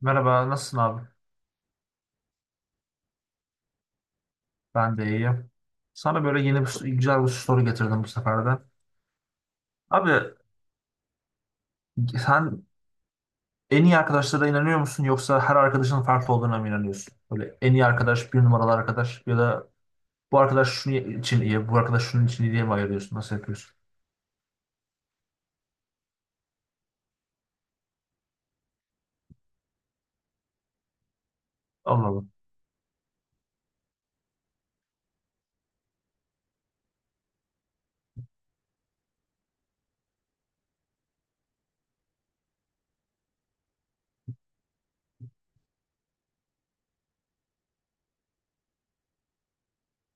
Merhaba, nasılsın abi? Ben de iyiyim. Sana böyle güzel bir soru getirdim bu sefer de. Abi sen en iyi arkadaşlara inanıyor musun, yoksa her arkadaşın farklı olduğuna mı inanıyorsun? Böyle en iyi arkadaş, bir numaralı arkadaş ya da bu arkadaş şunun için iyi, bu arkadaş şunun için iyi diye mi ayırıyorsun? Nasıl yapıyorsun? Allah Allah.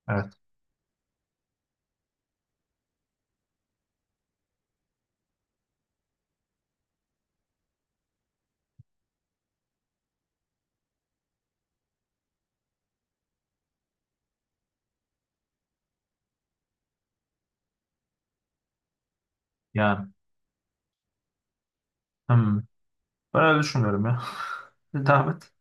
Evet. Yani. Hmm. Ben öyle düşünmüyorum ya. Devam et.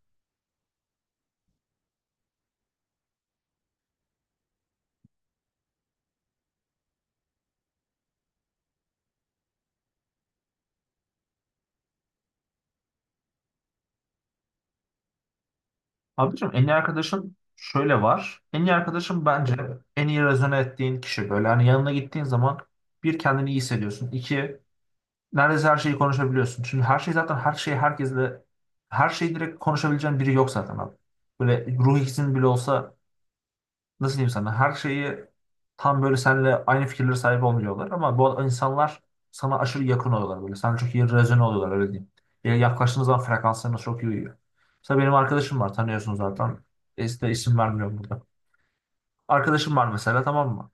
Abicim en iyi arkadaşın şöyle var. En iyi arkadaşın bence en iyi rezone ettiğin kişi. Böyle hani yanına gittiğin zaman bir kendini iyi hissediyorsun. İki, neredeyse her şeyi konuşabiliyorsun. Şimdi her şey zaten, her şey herkesle her şeyi direkt konuşabileceğin biri yok zaten abi. Böyle ruh ikizin bile olsa nasıl diyeyim sana, her şeyi tam böyle seninle aynı fikirlere sahip olmuyorlar, ama bu insanlar sana aşırı yakın oluyorlar böyle. Sana çok iyi rezone oluyorlar, öyle diyeyim. Yani yaklaştığınız zaman frekanslarınız çok iyi uyuyor. Mesela benim arkadaşım var, tanıyorsun zaten. E, işte isim vermiyorum burada. Arkadaşım var mesela, tamam mı?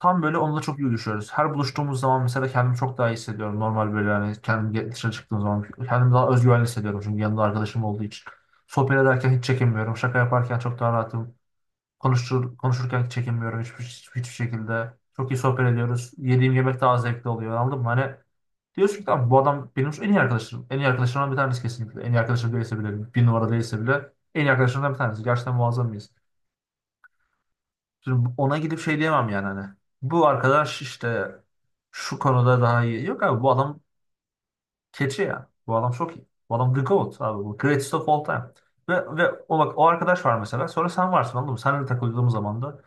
Tam böyle onunla çok iyi uyuşuyoruz. Her buluştuğumuz zaman mesela kendimi çok daha iyi hissediyorum. Normal böyle, yani kendim dışarı çıktığım zaman kendimi daha özgüvenli hissediyorum. Çünkü yanımda arkadaşım olduğu için. Sohbet ederken hiç çekinmiyorum. Şaka yaparken çok daha rahatım. Konuşurken hiç çekinmiyorum, hiçbir şekilde. Çok iyi sohbet ediyoruz. Yediğim yemek daha zevkli oluyor. Anladın mı? Hani diyorsun ki tamam, bu adam benim en iyi arkadaşım. En iyi arkadaşlarımdan bir tanesi kesinlikle. En iyi arkadaşım değilse bile, bir numara değilse bile en iyi arkadaşlarımdan bir tanesi. Gerçekten muazzam mıyız? Şimdi ona gidip şey diyemem yani hani. Bu arkadaş işte şu konuda daha iyi. Yok abi, bu adam keçi ya. Bu adam çok iyi. Bu adam the GOAT abi. Bu greatest of all time. Ve o, bak, o arkadaş var mesela. Sonra sen varsın, anladın mı? Seninle takıldığım zaman da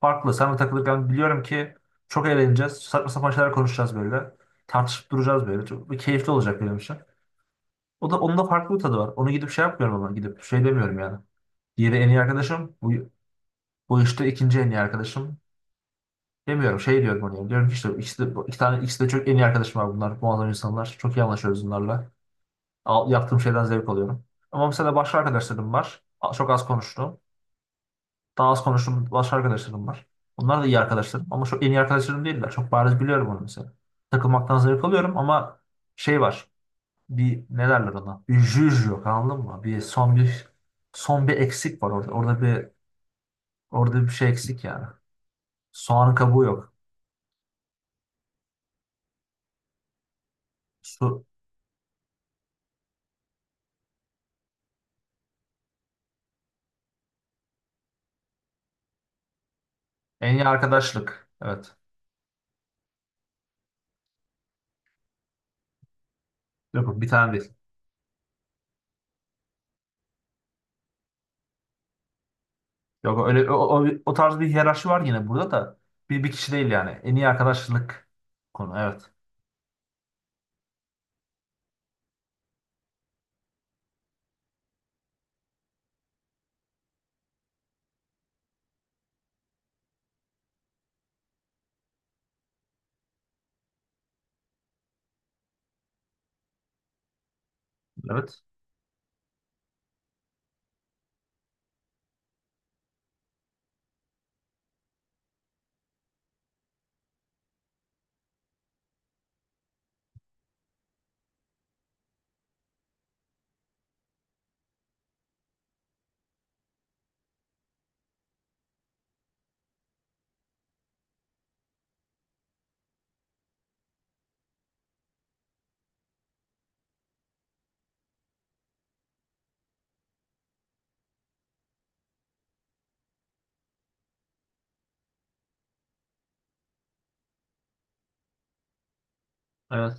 farklı. Seninle takılırken biliyorum ki çok eğleneceğiz. Saçma sapan şeyler konuşacağız böyle. Tartışıp duracağız böyle. Çok keyifli olacak benim için. O da, onun da farklı bir tadı var. Onu gidip şey yapmıyorum, ama gidip şey demiyorum yani. Diğeri en iyi arkadaşım. Bu işte ikinci en iyi arkadaşım. Demiyorum, şey diyorum oraya. Diyorum ki işte ikisi de, iki tane, ikisi de çok en iyi arkadaşım, var bunlar. Muazzam insanlar. Çok iyi anlaşıyoruz bunlarla. Yaptığım şeyden zevk alıyorum. Ama mesela başka arkadaşlarım var. Çok az konuştuğum. Daha az konuştuğum başka arkadaşlarım var. Bunlar da iyi arkadaşlarım. Ama çok en iyi arkadaşlarım değiller. Çok bariz biliyorum onu mesela. Takılmaktan zevk alıyorum ama şey var. Bir, ne derler ona? Bir jüj yok, anladın mı? Bir son bir son bir eksik var orada. Orada bir şey eksik yani. Soğanın kabuğu yok. Su, en iyi arkadaşlık. Evet. Yok, bir tane değil. Yok öyle, o tarz bir hiyerarşi var yine burada da, bir kişi değil yani. En iyi arkadaşlık konu. Evet. Evet. Evet.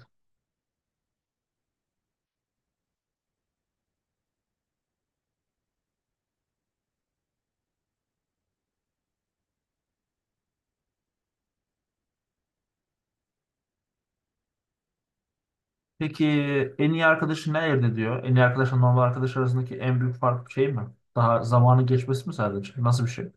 Peki en iyi arkadaşın ne elde ediyor? En iyi arkadaşla normal arkadaş arasındaki en büyük fark şey mi? Daha zamanın geçmesi mi sadece? Nasıl bir şey?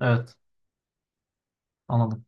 Evet. Anladım.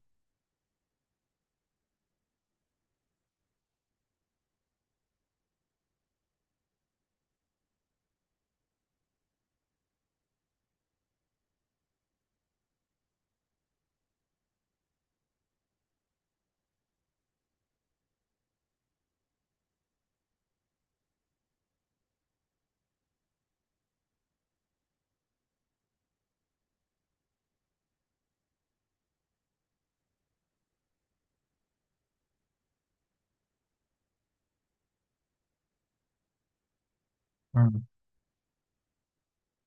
Hı.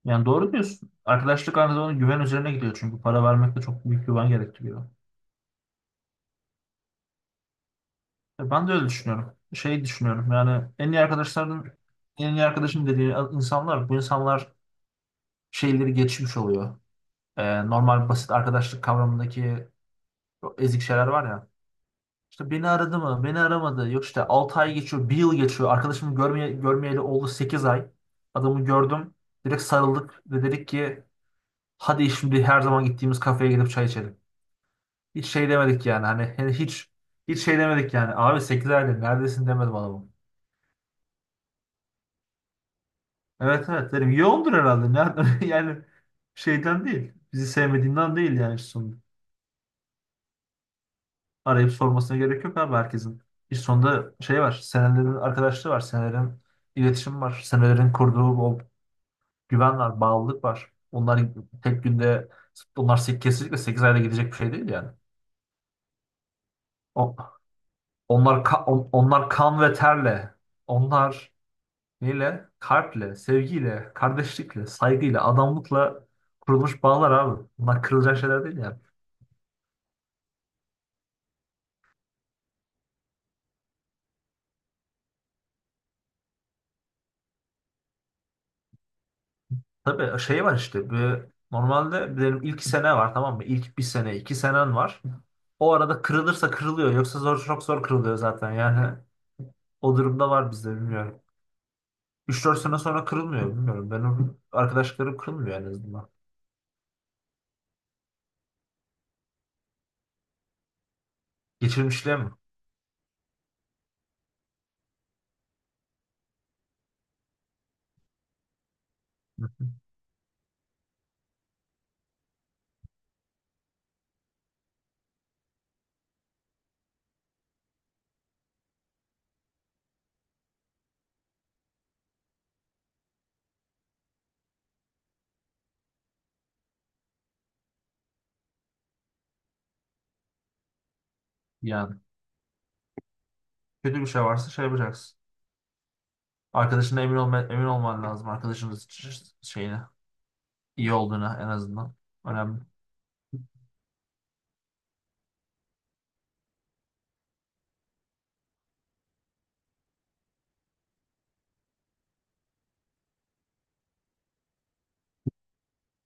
Yani doğru diyorsun. Arkadaşlık aynı zamanda güven üzerine gidiyor, çünkü para vermek de çok büyük güven gerektiriyor. Ben de öyle düşünüyorum. Şey düşünüyorum yani, en iyi arkadaşların en iyi arkadaşım dediği insanlar, bu insanlar şeyleri geçmiş oluyor. Normal basit arkadaşlık kavramındaki o ezik şeyler var ya. İşte beni aradı mı? Beni aramadı. Yok işte 6 ay geçiyor, bir yıl geçiyor. Arkadaşımı görmeyeli oldu 8 ay. Adamı gördüm. Direkt sarıldık ve dedik ki hadi şimdi her zaman gittiğimiz kafeye gidip çay içelim. Hiç şey demedik yani, hani hiç şey demedik yani. Abi 8 aydır neredesin demedim adamım. Evet evet dedim. Yoğundur herhalde. Nereden? Yani şeyden değil. Bizi sevmediğinden değil yani sonunda. Arayıp sormasına gerek yok abi herkesin. İş sonunda şey var, senelerin arkadaşlığı var, senelerin iletişim var, senelerin kurduğu o güven var, bağlılık var. Onlar tek günde, kesinlikle 8 ayda gidecek bir şey değil yani. O- onlar kan ve terle, onlar neyle? Kalple, sevgiyle, kardeşlikle, saygıyla, adamlıkla kurulmuş bağlar abi. Bunlar kırılacak şeyler değil yani. Tabii şey var işte bir, normalde benim ilk sene var tamam mı? İlk bir sene iki senen var. O arada kırılırsa kırılıyor, yoksa zor, çok zor kırılıyor zaten yani. O durumda var bizde, bilmiyorum. 3 4 sene sonra kırılmıyor, bilmiyorum, benim arkadaşlarım kırılmıyor en azından. Geçirmişliğe mi? Yani kötü bir şey varsa şey yapacaksın. Arkadaşına emin olman lazım arkadaşının şeyine, iyi olduğuna, en azından önemli.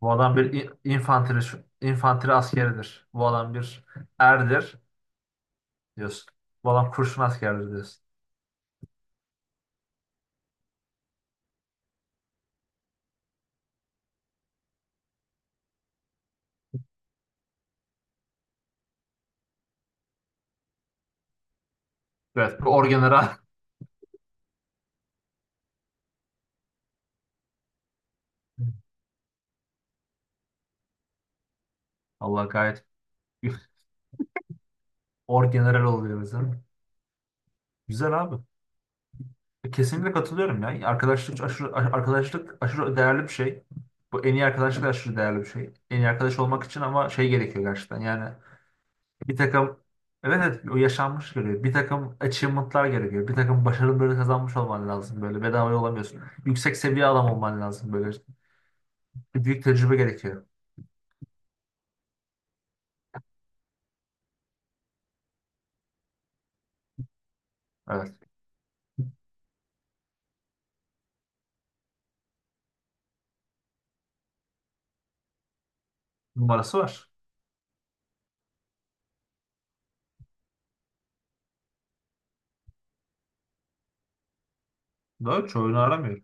Bu adam bir infantry askeridir. Bu adam bir erdir, diyorsun. Bu adam kurşun askerdir diyorsun. Evet, bu orgeneral. Allah gayet orgeneral oluyoruz değil. Güzel abi. Kesinlikle katılıyorum ya. Arkadaşlık aşırı değerli bir şey. Bu en iyi arkadaşlık da aşırı değerli bir şey. En iyi arkadaş olmak için ama şey gerekiyor gerçekten. Yani bir takım, evet evet, o yaşanmış gerekiyor. Bir takım achievement'lar gerekiyor. Bir takım başarıları kazanmış olman lazım böyle. Bedava olamıyorsun. Yüksek seviye adam olman lazım böyle. Bir büyük tecrübe gerekiyor. Evet. Numarası var. Doğru. Çoğunu aramıyor.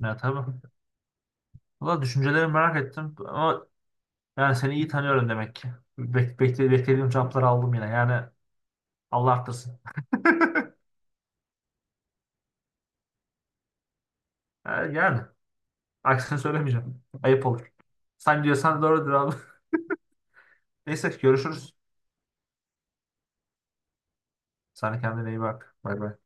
Ya tabii. Valla düşüncelerimi merak ettim, ama yani seni iyi tanıyorum demek ki. Beklediğim cevapları aldım yine. Yani Allah arttırsın. Ha, yani aksini söylemeyeceğim. Ayıp olur. Sen diyorsan doğrudur abi. Neyse görüşürüz. Sen de kendine iyi bak. Bay bay.